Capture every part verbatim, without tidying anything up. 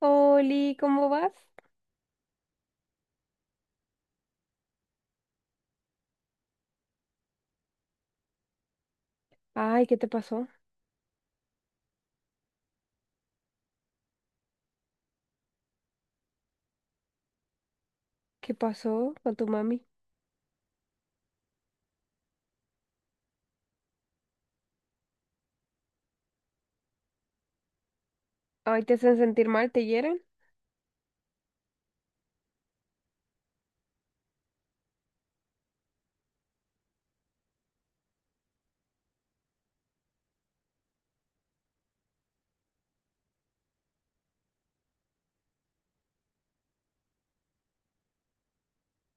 Oli, ¿cómo vas? Ay, ¿qué te pasó? ¿Qué pasó con tu mami? Ay, ¿te hacen sentir mal? ¿Te hieren?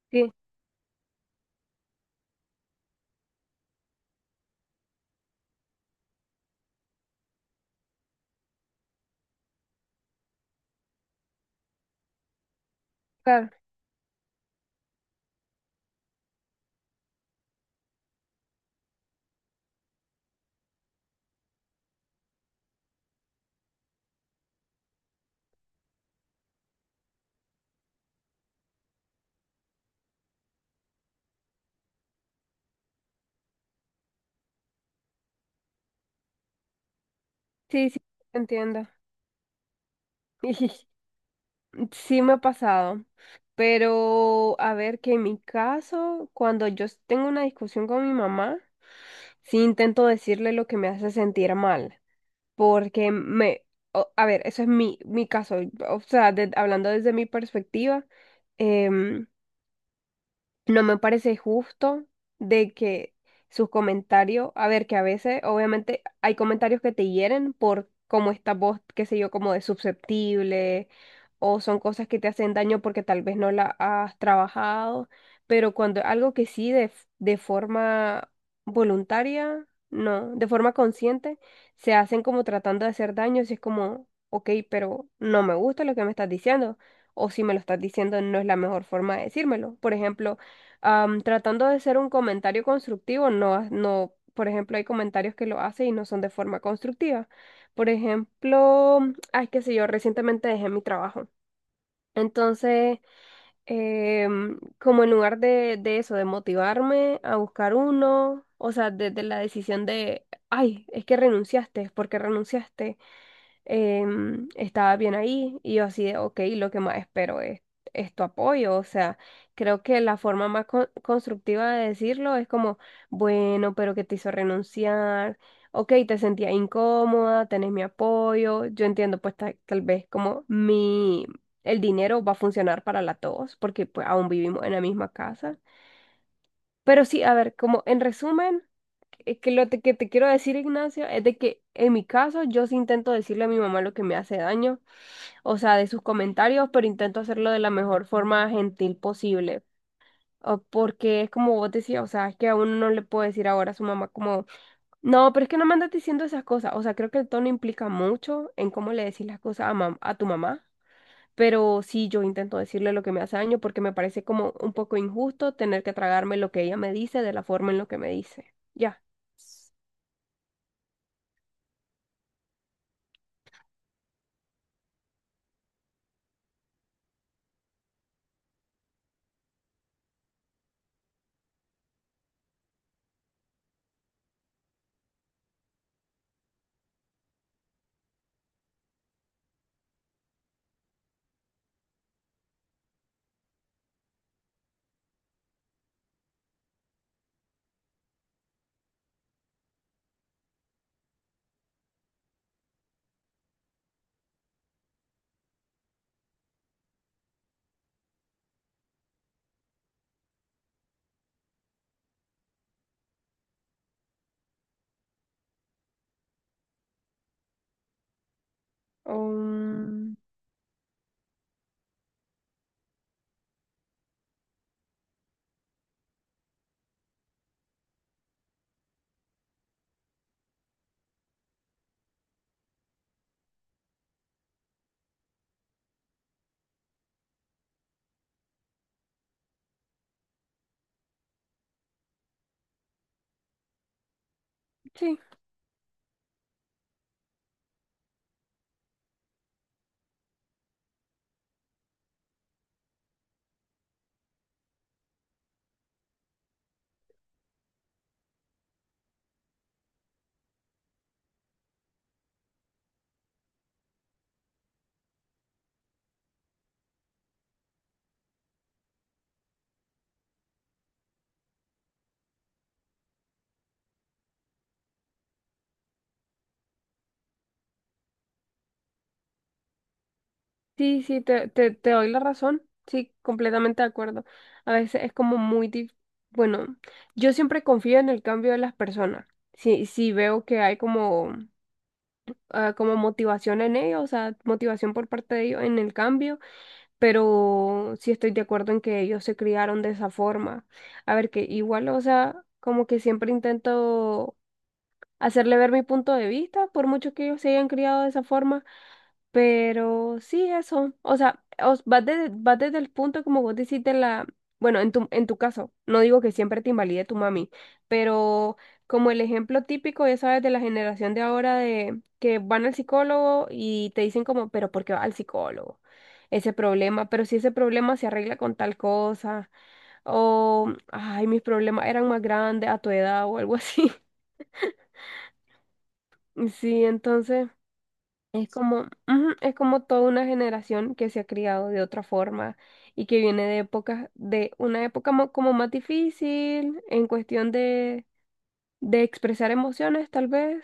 Sí, claro. Sí, sí, entiendo. Sí me ha pasado. Pero a ver, que en mi caso, cuando yo s- tengo una discusión con mi mamá, sí intento decirle lo que me hace sentir mal. Porque me... o- a ver, eso es mi, mi caso. O sea, de- hablando desde mi perspectiva. em, No me parece justo de que sus comentarios, a ver, que a veces obviamente hay comentarios que te hieren por cómo estás vos, qué sé yo, como de susceptible, o son cosas que te hacen daño porque tal vez no la has trabajado, pero cuando algo que sí de, f- de forma voluntaria, no, de forma consciente, se hacen como tratando de hacer daño, si es como, ok, pero no me gusta lo que me estás diciendo, o si me lo estás diciendo no es la mejor forma de decírmelo. Por ejemplo, am, tratando de ser un comentario constructivo, no, no, por ejemplo, hay comentarios que lo hacen y no son de forma constructiva. Por ejemplo, ay, qué sé yo, recientemente dejé mi trabajo. Entonces, em, como en lugar de, de eso, de motivarme a buscar uno, o sea, desde la decisión de, ay, es que renunciaste, ¿por qué renunciaste? Em, estaba bien ahí y yo así de, ok, lo que más espero es, es tu apoyo. O sea, creo que la forma más con- constructiva de decirlo es como, bueno, pero que te hizo renunciar, ok, te sentía incómoda, tenés mi apoyo, yo entiendo pues ta- tal vez como mi, el dinero va a funcionar para la tos porque pues aún vivimos en la misma casa. Pero sí, a ver, como en resumen, eh, que lo te- que te quiero decir, Ignacio, es de que en mi caso yo sí intento decirle a mi mamá lo que me hace daño, o sea, de sus comentarios, pero intento hacerlo de la mejor forma gentil posible. O porque es como vos decías, o sea, es que a uno no le puede decir ahora a su mamá como, no, pero es que no me andas diciendo esas cosas. O sea, creo que el tono implica mucho en cómo le decís las cosas a, mam- a tu mamá. Pero sí, yo intento decirle lo que me hace daño porque me parece como un poco injusto tener que tragarme lo que ella me dice de la forma en lo que me dice. Ya. Um, sí, sí, sí, te, te, te doy la razón. Sí, completamente de acuerdo. A veces es como muy dif- bueno, yo siempre confío en el cambio de las personas. Si, si veo que hay como, ah, como motivación en ellos, o sea, motivación por parte de ellos en el cambio. Pero sí estoy de acuerdo en que ellos se criaron de esa forma. A ver, que igual, o sea, como que siempre intento hacerle ver mi punto de vista, por mucho que ellos se hayan criado de esa forma. Pero sí, eso. O sea, os vas desde, vas desde el punto, como vos decís, de la. Bueno, en tu, en tu caso, no digo que siempre te invalide tu mami, pero como el ejemplo típico, ya sabes, de la generación de ahora de que van al psicólogo y te dicen como, pero ¿por qué va al psicólogo? Ese problema, pero si ese problema se arregla con tal cosa, o, ay, mis problemas eran más grandes a tu edad o algo así. Sí, entonces. Es como, ujú, es como toda una generación que se ha criado de otra forma y que viene de épocas, de una época mo- como más difícil en cuestión de, de expresar emociones, tal vez.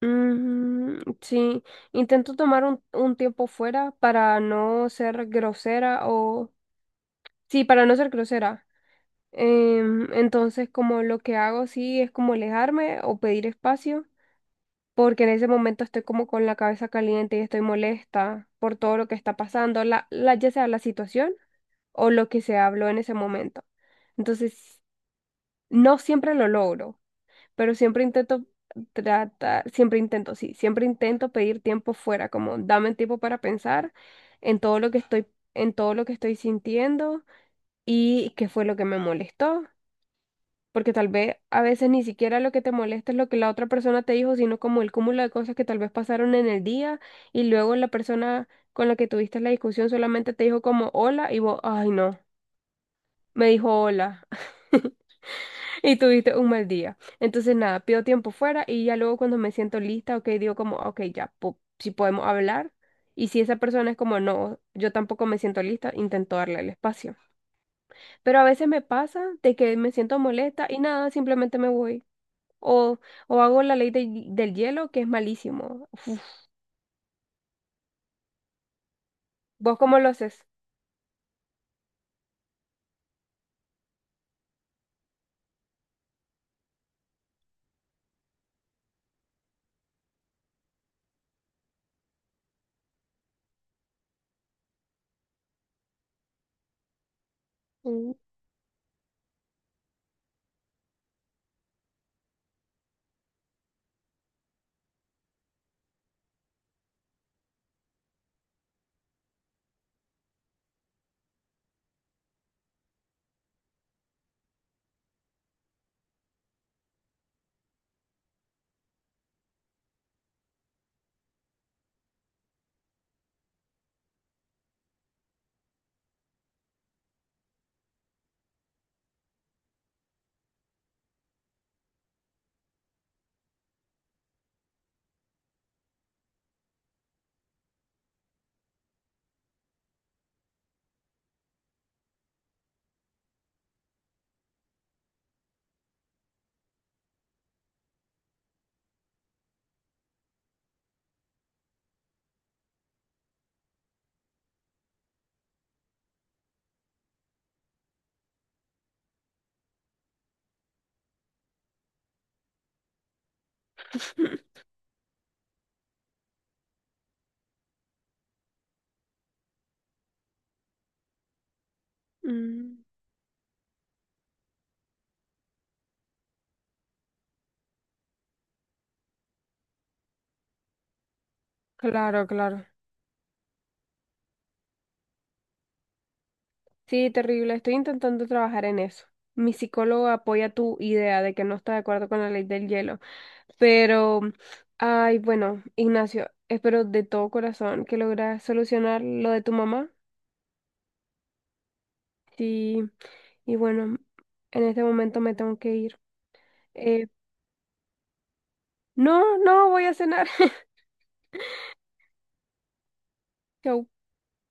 Mm, sí, intento tomar un, un tiempo fuera para no ser grosera o... Sí, para no ser grosera. Em, entonces, como lo que hago, sí, es como alejarme o pedir espacio. Porque en ese momento estoy como con la cabeza caliente y estoy molesta por todo lo que está pasando, la, la, ya sea la situación o lo que se habló en ese momento. Entonces, no siempre lo logro, pero siempre intento tratar, siempre intento, sí, siempre intento pedir tiempo fuera, como dame tiempo para pensar en todo lo que estoy, en todo lo que estoy sintiendo y qué fue lo que me molestó, porque tal vez a veces ni siquiera lo que te molesta es lo que la otra persona te dijo, sino como el cúmulo de cosas que tal vez pasaron en el día y luego la persona con la que tuviste la discusión solamente te dijo como hola y vos, ay no, me dijo hola y tuviste un mal día. Entonces nada, pido tiempo fuera y ya luego cuando me siento lista, ok, digo como, ok, ya, po- si podemos hablar. Y si esa persona es como, no, yo tampoco me siento lista, intento darle el espacio. Pero a veces me pasa de que me siento molesta y nada, simplemente me voy. O, o hago la ley del del hielo, que es malísimo. ¿Vos cómo lo haces? Mm, mm, claro, claro. Sí, terrible. Estoy intentando trabajar en eso. Mi psicólogo apoya tu idea de que no está de acuerdo con la ley del hielo. Pero, ay, bueno, Ignacio, espero de todo corazón que logres solucionar lo de tu mamá. Sí, y bueno, en este momento me tengo que ir. Eh, no, no, voy a cenar. Chau.